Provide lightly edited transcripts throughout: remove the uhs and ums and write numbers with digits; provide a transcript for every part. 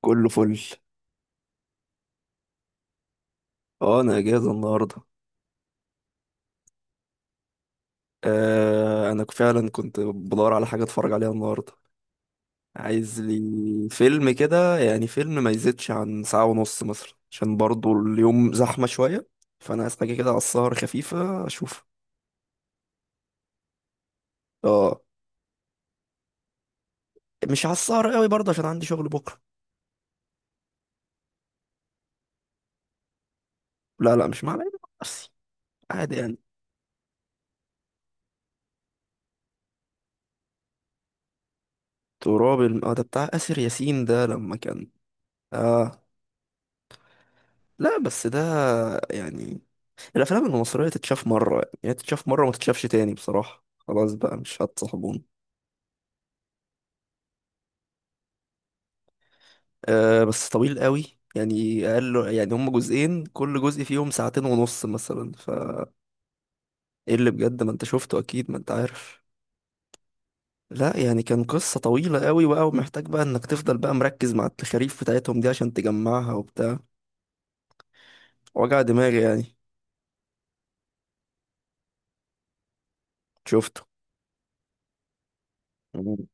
كله فل. اه، انا اجازه النهارده. آه، انا فعلا كنت بدور على حاجه اتفرج عليها النهارده. عايز لي فيلم كده يعني فيلم ما يزيدش عن ساعه ونص مثلا عشان برضو اليوم زحمه شويه، فانا عايز حاجه كده على السهر خفيفه اشوف. اه. مش على السهر قوي برضه عشان عندي شغل بكره. لا لا، مش مع العيلة، مع نفسي. عادي يعني. اه، ده بتاع آسر ياسين ده لما كان. اه. لا بس ده يعني الافلام المصريه تتشاف مره يعني تتشاف مره ما تتشافش تاني بصراحه، خلاص بقى مش هتصاحبون. أه بس طويل قوي، يعني اقل يعني هم جزئين كل جزء فيهم ساعتين ونص مثلا ف. ايه اللي بجد، ما انت شفته اكيد ما انت عارف. لا يعني كان قصه طويله قوي بقى، ومحتاج بقى انك تفضل بقى مركز مع التخاريف بتاعتهم دي عشان تجمعها وبتاع، وجع دماغي يعني. شفته. مم.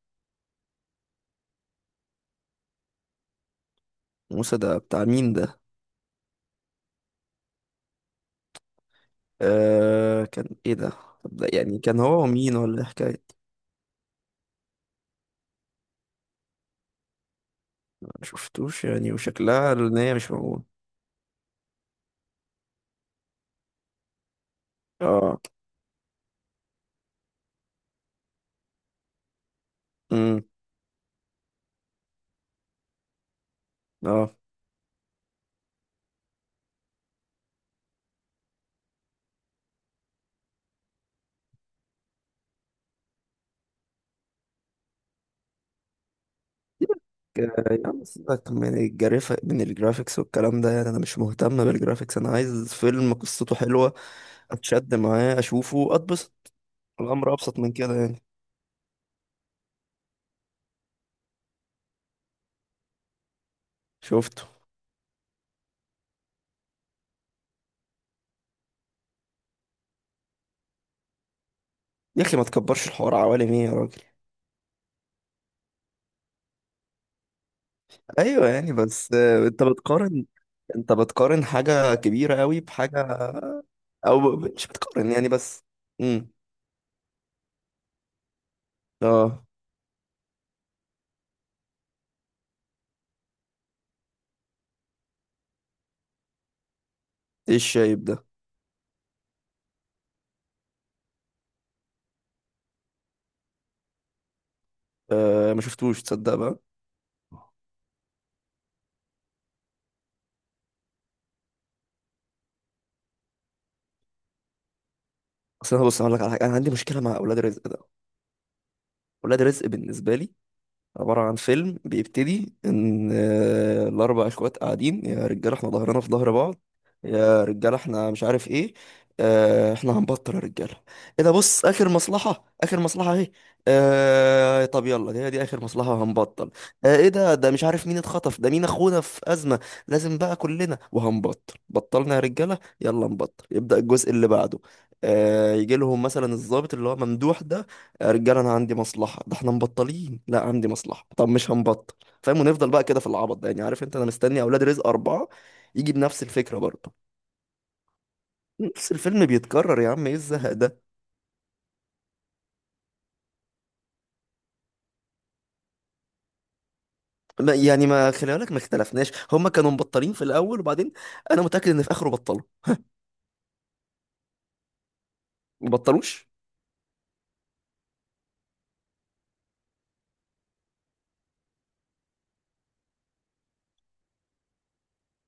موسى ده بتاع مين ده؟ أه كان ايه ده. طب ده يعني كان هو ومين ولا إيه الحكايه؟ شفتوش يعني، وشكلها على ان هي مش موجود. اه. امم اه سيبك. آه، يا عم سيبك من الجرافيك من الجرافيكس والكلام ده، يعني انا مش مهتم بالجرافيكس، انا عايز فيلم قصته حلوه اتشد معاه اشوفه اتبسط. الامر ابسط من كده يعني. شفته. يا اخي ما تكبرش الحوار، عوالم ايه يا راجل؟ ايوه يعني بس آه، انت بتقارن، انت بتقارن حاجه كبيره قوي بحاجه. او مش بتقارن يعني بس. امم اه. ايه الشايب ده؟ آه ما شفتوش تصدق بقى. اصل انا بص هقول لك على حاجه، انا عندي مشكله مع اولاد رزق ده. اولاد رزق بالنسبه لي عبارة عن فيلم بيبتدي إن آه، الأربع إخوات قاعدين، يا رجالة إحنا ظهرنا في ظهر بعض، يا رجالة إحنا مش عارف إيه، آه، إحنا هنبطل يا رجالة. إيه ده، بص آخر مصلحة، آخر مصلحة أهي. آه، طب يلا دي آخر مصلحة هنبطل. آه، إيه ده، ده مش عارف مين اتخطف، ده مين أخونا في أزمة، لازم بقى كلنا وهنبطل، بطلنا يا رجالة يلا نبطل. يبدأ الجزء اللي بعده، آه، يجي لهم مثلا الضابط اللي هو ممدوح ده، يا رجاله انا عندي مصلحه، ده احنا مبطلين، لا عندي مصلحه، طب مش هنبطل. فاهم؟ ونفضل بقى كده في العبط ده يعني. عارف انت انا مستني اولاد رزق اربعه يجي بنفس الفكره برضه، نفس الفيلم بيتكرر يا عم، ايه الزهق ده؟ ما يعني ما خلي بالك، ما اختلفناش، هما كانوا مبطلين في الاول وبعدين. انا متاكد ان في اخره بطلوا. ما بطلوش.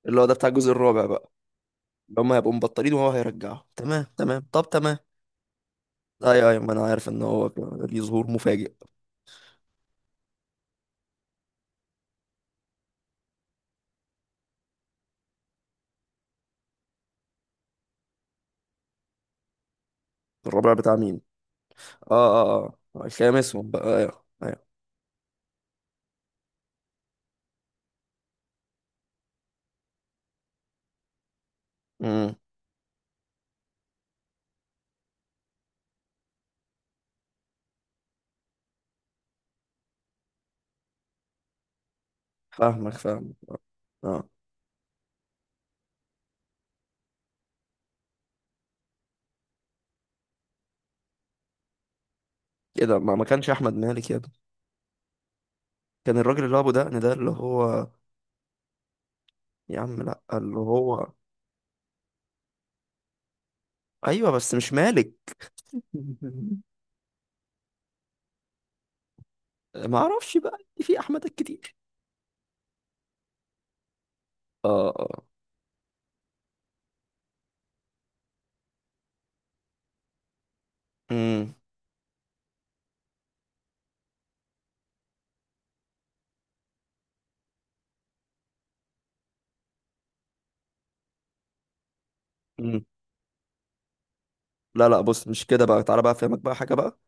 اللي هو ده بتاع الجزء الرابع بقى، اللي هما هيبقوا مبطلين وهو هيرجعه. تمام تمام، طب تمام. ايوه ايوه، ما انا عارف ان هو كان ليه ظهور مفاجئ. الرابع بتاع مين؟ اه اه اه، الخامسهم بقى. ايوه ايوه. مم. فاهمك فاهمك. اه. ايه ده، ما كانش احمد مالك يا ابني. كان الراجل اللي هو ابو دقن ده اللي هو. يا عم لا، اللي هو. ايوه بس مش مالك. ما اعرفش بقى، في احمدات كتير. اه اه. امم امم لا لا، بص مش كده بقى، تعالى بقى افهمك بقى حاجه بقى.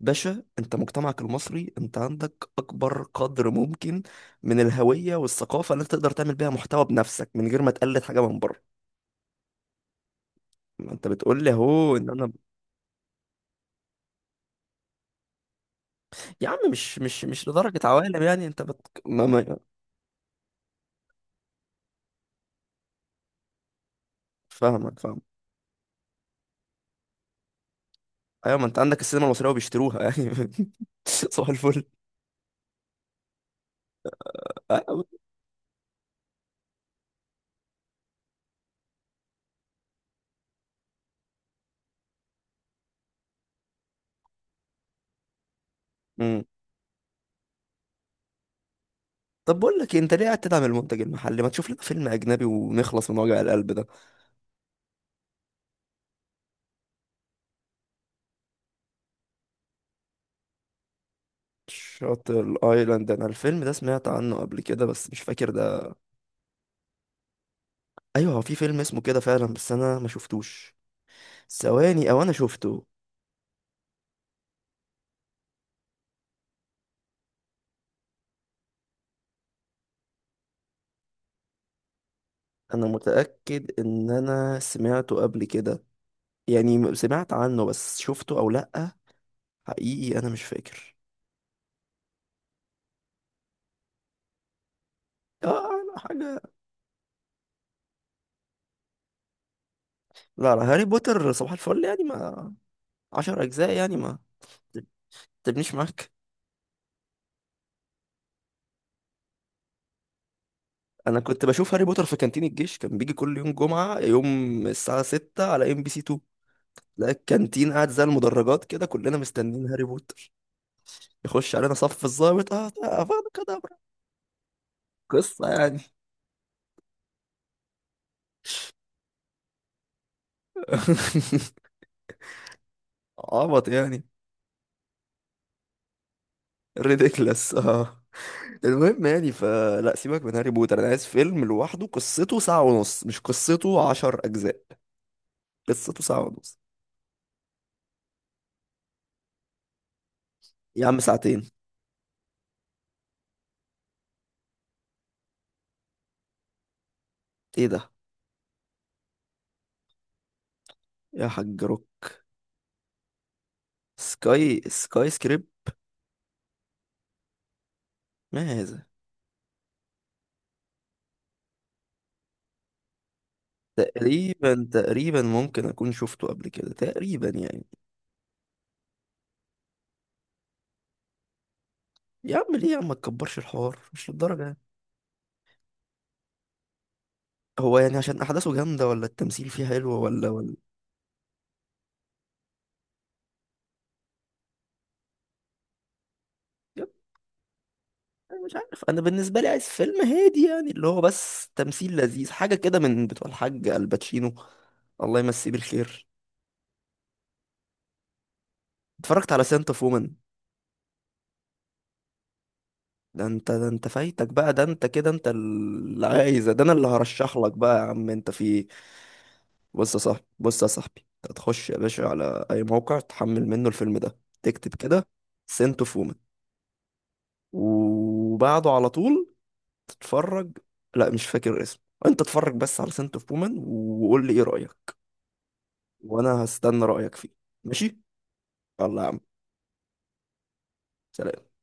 باشا، انت مجتمعك المصري انت عندك اكبر قدر ممكن من الهويه والثقافه اللي انت تقدر تعمل بيها محتوى بنفسك من غير ما تقلد حاجه من بره. ما انت بتقول لي اهو ان انا. يا عم مش لدرجه عوالم يعني، ما... ما... فاهمك، فاهم. ايوه، ما انت عندك السينما المصريه وبيشتروها يعني. صباح الفل. أيوة. أمم. طب بقول لك إيه، انت ليه قاعد تدعم المنتج المحلي؟ ما تشوف لنا فيلم اجنبي ونخلص من وجع القلب ده. شاطئ الايلاند، انا الفيلم ده سمعت عنه قبل كده بس مش فاكر ده. ايوه هو في فيلم اسمه كده فعلا، بس انا ما شفتوش. ثواني، او انا شفته. انا متاكد ان انا سمعته قبل كده، يعني سمعت عنه بس شفته او لا حقيقي انا مش فاكر. اه. حاجه. لا لا، هاري بوتر صباح الفل يعني، ما عشر أجزاء يعني، ما تبنيش معاك. أنا كنت بشوف هاري بوتر في كانتين الجيش، كان بيجي كل يوم جمعة، يوم الساعة ستة على ام بي سي 2. لا الكانتين قاعد زي المدرجات كده، كلنا مستنيين هاري بوتر يخش علينا، صف الضابط اه آه، فاضي كده. قصة يعني. عبط يعني. ريديكلس اه. المهم يعني، فلا سيبك من هاري بوتر، انا عايز فيلم لوحده قصته ساعة ونص مش قصته عشر اجزاء. قصته ساعة ونص. يا عم ساعتين. ايه ده؟ يا حاج روك. سكاي سكريبت. ما هذا؟ تقريبا تقريبا ممكن اكون شفته قبل كده تقريبا يعني. يا عم ليه، يا عم ما تكبرش الحوار، مش للدرجه يعني. هو يعني عشان احداثه جامده، ولا التمثيل فيه حلو، ولا ولا. يا ابني مش عارف، انا بالنسبه لي عايز فيلم هادي يعني، اللي هو بس تمثيل لذيذ، حاجه كده من بتوع الحاج الباتشينو، الله يمسيه بالخير. اتفرجت على سنت اوف وومن؟ ده انت، ده انت فايتك بقى، ده انت كده، انت اللي عايزه ده، انا اللي هرشح لك بقى يا عم، انت في إيه؟ بص يا صاحبي، بص يا صاحبي، انت هتخش يا باشا على اي موقع تحمل منه الفيلم ده، تكتب كده سنت اوف وومن، وبعده على طول تتفرج. لا مش فاكر اسمه، انت اتفرج بس على سنت اوف وومن وقول لي ايه رأيك، وانا هستنى رأيك فيه. ماشي. يلا يا عم. سلام.